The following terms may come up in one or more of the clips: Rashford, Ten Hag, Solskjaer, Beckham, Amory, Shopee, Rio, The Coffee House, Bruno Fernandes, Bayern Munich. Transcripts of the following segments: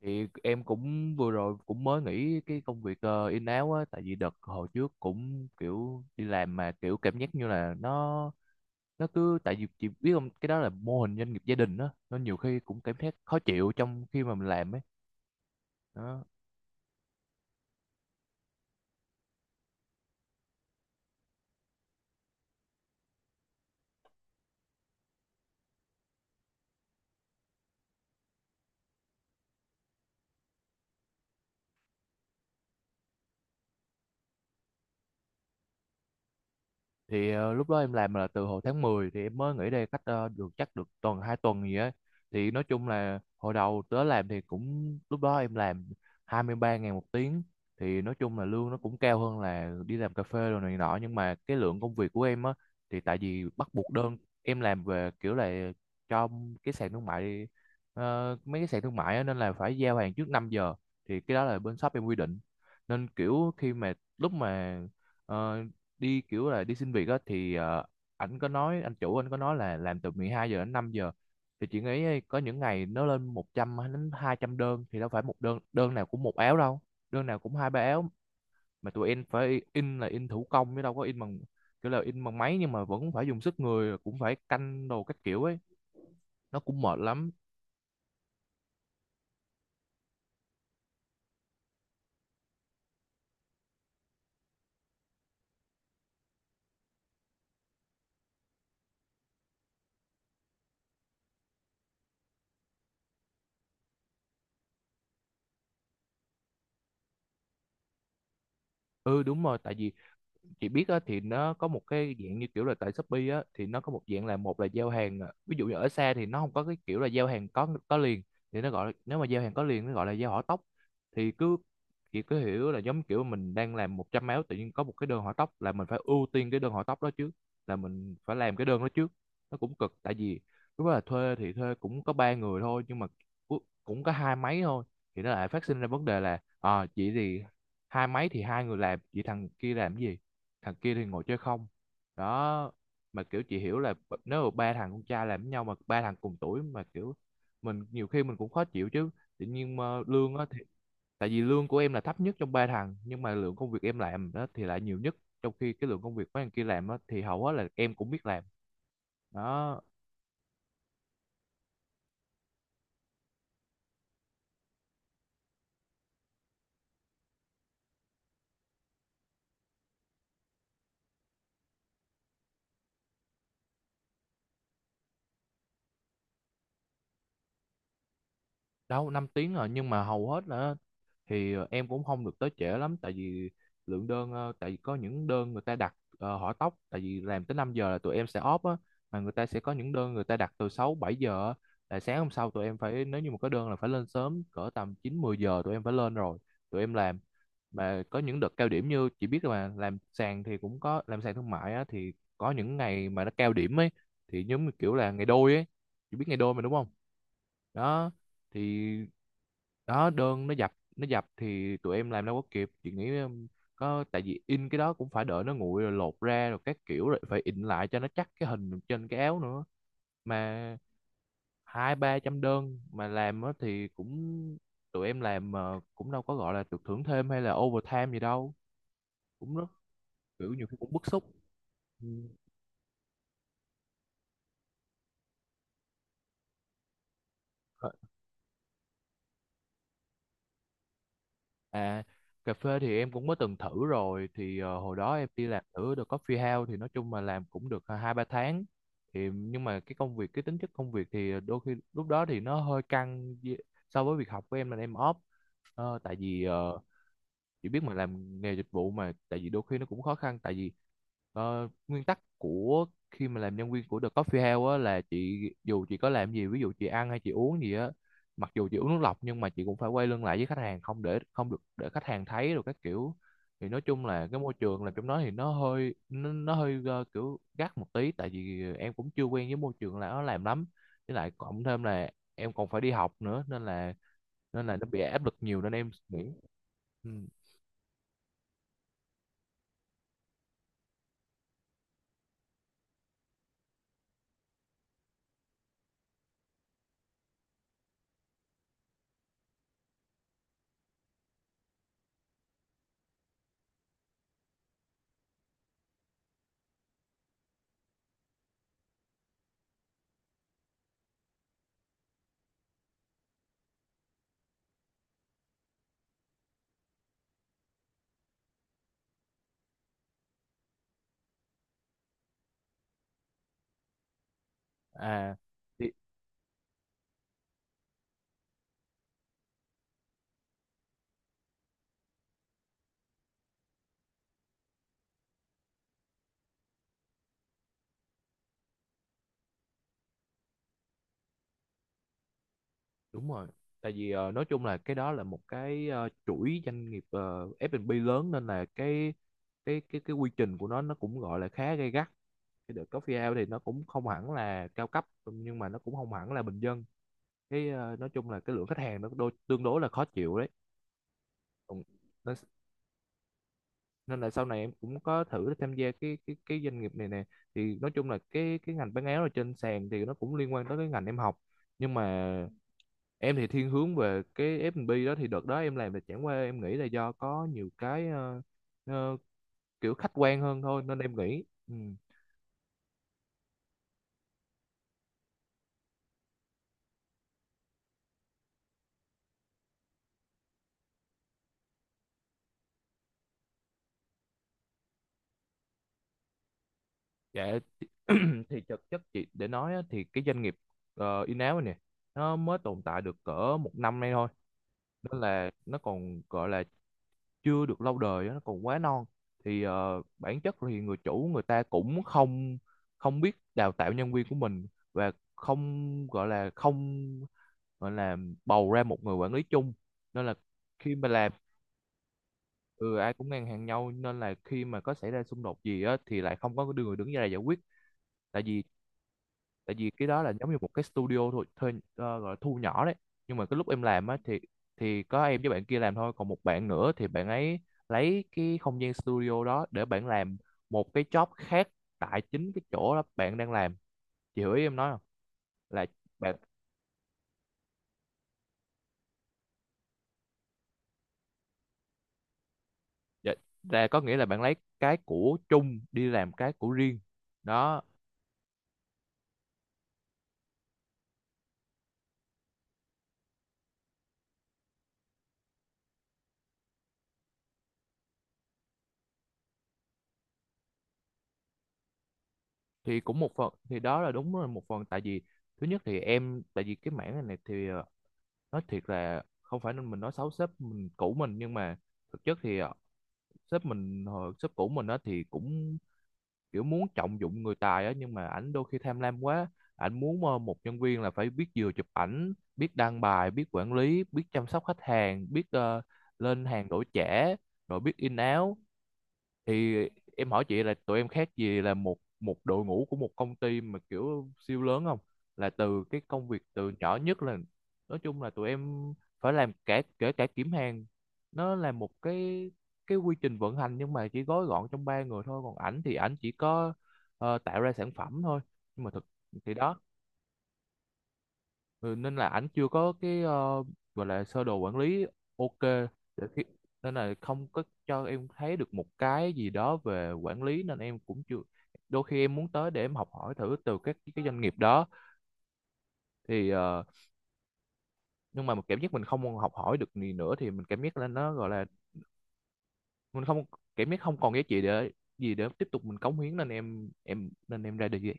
Thì em cũng vừa rồi cũng mới nghỉ cái công việc in áo á, tại vì đợt hồi trước cũng kiểu đi làm mà kiểu cảm giác như là nó cứ tại vì chị biết không, cái đó là mô hình doanh nghiệp gia đình á, nó nhiều khi cũng cảm giác khó chịu trong khi mà mình làm ấy đó. Thì lúc đó em làm là từ hồi tháng 10, thì em mới nghỉ đây cách được chắc được tuần hai tuần gì á. Thì nói chung là hồi đầu tới làm thì cũng lúc đó em làm 23 ngàn một tiếng, thì nói chung là lương nó cũng cao hơn là đi làm cà phê rồi này nọ, nhưng mà cái lượng công việc của em á thì tại vì bắt buộc đơn em làm về kiểu là cho cái sàn thương mại, mấy cái sàn thương mại á, nên là phải giao hàng trước 5 giờ, thì cái đó là bên shop em quy định. Nên kiểu khi mà lúc mà ờ, đi kiểu là đi xin việc á, thì ảnh có nói, anh chủ anh có nói là làm từ 12 giờ đến 5 giờ, thì chị nghĩ ấy, có những ngày nó lên 100 hay đến 200 đơn, thì đâu phải một đơn, đơn nào cũng một áo đâu, đơn nào cũng hai ba áo. Mà tụi em phải in là in thủ công chứ đâu có in bằng kiểu là in bằng máy, nhưng mà vẫn phải dùng sức người, cũng phải canh đồ các kiểu ấy, nó cũng mệt lắm. Ừ đúng rồi, tại vì chị biết á, thì nó có một cái dạng như kiểu là tại Shopee á, thì nó có một dạng là một là giao hàng à, ví dụ như ở xa thì nó không có cái kiểu là giao hàng có liền, thì nó gọi là, nếu mà giao hàng có liền nó gọi là giao hỏa tốc. Thì cứ chị cứ hiểu là giống kiểu mình đang làm 100 áo, tự nhiên có một cái đơn hỏa tốc là mình phải ưu tiên cái đơn hỏa tốc đó trước, là mình phải làm cái đơn đó trước. Nó cũng cực tại vì lúc đó là thuê thì thuê cũng có ba người thôi, nhưng mà cu- cũng có hai máy thôi, thì nó lại phát sinh ra vấn đề là à, chị thì hai máy thì hai người làm, chị thằng kia làm cái gì, thằng kia thì ngồi chơi không đó. Mà kiểu chị hiểu là nếu mà ba thằng con trai làm với nhau mà ba thằng cùng tuổi mà kiểu mình nhiều khi mình cũng khó chịu chứ, tự nhiên mà lương á thì tại vì lương của em là thấp nhất trong ba thằng, nhưng mà lượng công việc em làm đó thì lại nhiều nhất, trong khi cái lượng công việc mấy thằng kia làm á thì hầu hết là em cũng biết làm đó. Đâu 5 tiếng rồi, nhưng mà hầu hết là thì em cũng không được tới trễ lắm, tại vì lượng đơn tại vì có những đơn người ta đặt hỏi tóc, tại vì làm tới 5 giờ là tụi em sẽ off á, mà người ta sẽ có những đơn người ta đặt từ 6 7 giờ á, là sáng hôm sau tụi em phải, nếu như mà có đơn là phải lên sớm cỡ tầm 9 10 giờ tụi em phải lên rồi, tụi em làm. Mà có những đợt cao điểm như chị biết là mà làm sàn thì cũng có làm sàn thương mại á, thì có những ngày mà nó cao điểm ấy, thì giống như kiểu là ngày đôi ấy, chị biết ngày đôi mà đúng không đó. Thì đó đơn nó dập, nó dập thì tụi em làm đâu có kịp, chị nghĩ có tại vì in cái đó cũng phải đợi nó nguội rồi lột ra rồi các kiểu rồi phải in lại cho nó chắc cái hình trên cái áo nữa, mà hai ba trăm đơn mà làm á thì cũng, tụi em làm mà cũng đâu có gọi là được thưởng thêm hay là overtime gì đâu, cũng rất kiểu nhiều khi cũng bức xúc. Ừ. À, cà phê thì em cũng mới từng thử rồi thì hồi đó em đi làm thử The Coffee House, thì nói chung mà làm cũng được hai ba tháng, thì nhưng mà cái công việc, cái tính chất công việc thì đôi khi lúc đó thì nó hơi căng so với việc học của em là em off. Ờ, tại vì chị biết mà làm nghề dịch vụ, mà tại vì đôi khi nó cũng khó khăn, tại vì nguyên tắc của khi mà làm nhân viên của The Coffee House á, là chị dù chị có làm gì, ví dụ chị ăn hay chị uống gì á, mặc dù chị uống nước lọc, nhưng mà chị cũng phải quay lưng lại với khách hàng, không để, không được để khách hàng thấy rồi các kiểu. Thì nói chung là cái môi trường làm trong đó thì nó hơi, nó hơi kiểu gắt một tí, tại vì em cũng chưa quen với môi trường là nó làm lắm, với lại cộng thêm là em còn phải đi học nữa, nên là nó bị áp lực nhiều nên em nghĩ, ừ. À thì đúng rồi, tại vì nói chung là cái đó là một cái chuỗi doanh nghiệp F&B lớn, nên là cái quy trình của nó cũng gọi là khá gay gắt. Cái The Coffee House thì nó cũng không hẳn là cao cấp, nhưng mà nó cũng không hẳn là bình dân, cái nói chung là cái lượng khách hàng nó đôi, tương đối là khó chịu đấy. Còn- nên, nên là sau này em cũng có thử tham gia cái doanh nghiệp này nè, thì nói chung là cái ngành bán áo ở trên sàn thì nó cũng liên quan tới cái ngành em học, nhưng mà em thì thiên hướng về cái F&B đó, thì đợt đó em làm là chẳng qua em nghĩ là do có nhiều cái ờ, kiểu khách quan hơn thôi, nên em nghĩ ừ. Dạ. Thì thực chất chị để nói á, thì cái doanh nghiệp in-house này nè, nó mới tồn tại được cỡ 1 năm nay thôi, nên là nó còn gọi là chưa được lâu đời á, nó còn quá non. Thì bản chất thì người chủ người ta cũng không không biết đào tạo nhân viên của mình, và không gọi là không gọi là bầu ra một người quản lý chung, nên là khi mà làm ừ, ai cũng ngang hàng nhau, nên là khi mà có xảy ra xung đột gì á thì lại không có người đứng ra để giải quyết, tại vì tại vì cái đó là giống như một cái studio thôi, thuê gọi là thu nhỏ đấy. Nhưng mà cái lúc em làm á thì có em với bạn kia làm thôi, còn một bạn nữa thì bạn ấy lấy cái không gian studio đó để bạn làm một cái job khác, tại chính cái chỗ đó bạn đang làm, chị hiểu ý em nói không, là bạn, dạ, là có nghĩa là bạn lấy cái của chung đi làm cái của riêng đó. Thì cũng một phần, thì đó là đúng là một phần tại vì thứ nhất thì em tại vì cái mảng này, này thì nói thiệt là không phải nên mình nói xấu sếp mình cũ mình, nhưng mà thực chất thì sếp mình hồi sếp cũ mình á, thì cũng kiểu muốn trọng dụng người tài á, nhưng mà ảnh đôi khi tham lam quá, ảnh muốn một nhân viên là phải biết vừa chụp ảnh, biết đăng bài, biết quản lý, biết chăm sóc khách hàng, biết lên hàng đổi trẻ, rồi biết in áo. Thì em hỏi chị là tụi em khác gì là một một đội ngũ của một công ty mà kiểu siêu lớn không, là từ cái công việc từ nhỏ nhất là, nói chung là tụi em phải làm cả kể cả kiểm hàng, nó là một cái quy trình vận hành, nhưng mà chỉ gói gọn trong ba người thôi, còn ảnh thì ảnh chỉ có tạo ra sản phẩm thôi, nhưng mà thực thì đó. Ừ, nên là ảnh chưa có cái gọi là sơ đồ quản lý, ok, để khi, nên là không có cho em thấy được một cái gì đó về quản lý, nên em cũng chưa, đôi khi em muốn tới để em học hỏi thử từ các cái doanh nghiệp đó. Thì nhưng mà mình cảm giác mình không học hỏi được gì nữa, thì mình cảm giác là nó gọi là mình không, cảm giác không còn giá trị để gì để tiếp tục mình cống hiến, nên em nên em ra đi.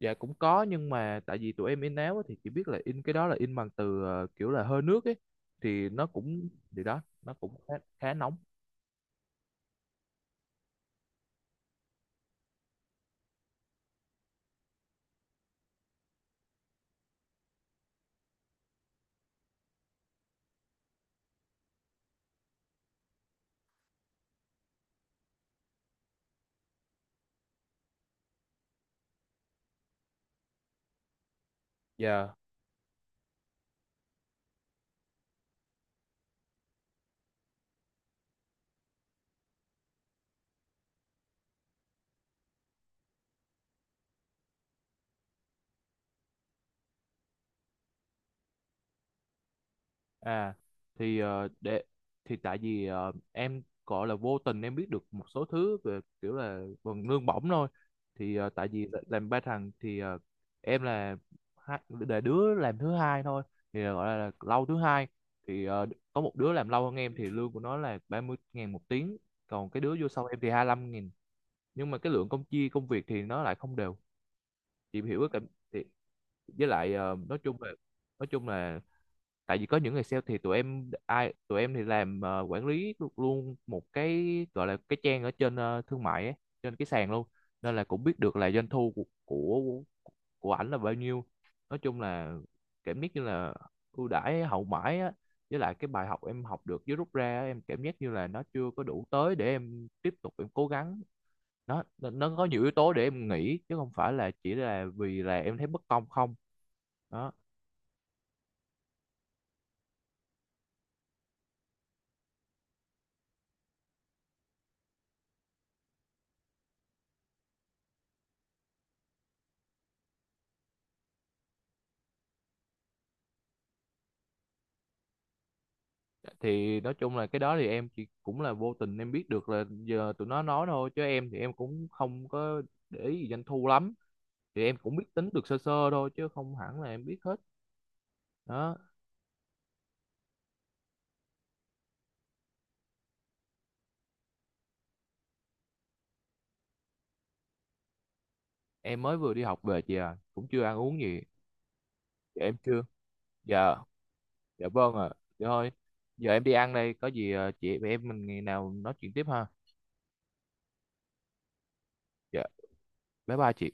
Dạ cũng có, nhưng mà tại vì tụi em in áo á, thì chỉ biết là in cái đó là in bằng từ kiểu là hơi nước ấy, thì nó cũng, thì đó nó cũng khá, khá nóng. Dạ. À thì để thì tại vì em gọi là vô tình em biết được một số thứ về kiểu là phần lương bổng thôi, thì tại vì làm ba thằng thì em là hai, là đứa làm thứ hai thôi, thì gọi là lâu thứ hai, thì có một đứa làm lâu hơn em thì lương của nó là 30 ngàn một tiếng, còn cái đứa vô sau em thì 25 nghìn, nhưng mà cái lượng công chia công việc thì nó lại không đều, chị hiểu cái cảm. Thì với lại nói chung là, nói chung là tại vì có những người sale, thì tụi em ai tụi em thì làm quản lý luôn một cái gọi là cái trang ở trên thương mại ấy, trên cái sàn luôn, nên là cũng biết được là doanh thu của của ảnh là bao nhiêu. Nói chung là cảm giác như là ưu đãi hậu mãi á, với lại cái bài học em học được với rút ra á, em cảm giác như là nó chưa có đủ tới để em tiếp tục em cố gắng, nó có nhiều yếu tố để em nghĩ, chứ không phải là chỉ là vì là em thấy bất công không đó. Thì nói chung là cái đó thì em chỉ cũng là vô tình em biết được là giờ tụi nó nói thôi, chứ em thì em cũng không có để ý gì doanh thu lắm, thì em cũng biết tính được sơ sơ thôi chứ không hẳn là em biết hết đó. Em mới vừa đi học về chị à, cũng chưa ăn uống gì. Dạ, em chưa. Dạ, dạ vâng ạ, à. Dạ thôi, giờ em đi ăn đây, có gì à, chị em mình ngày nào nói chuyện tiếp ha. Dạ, bye bye chị.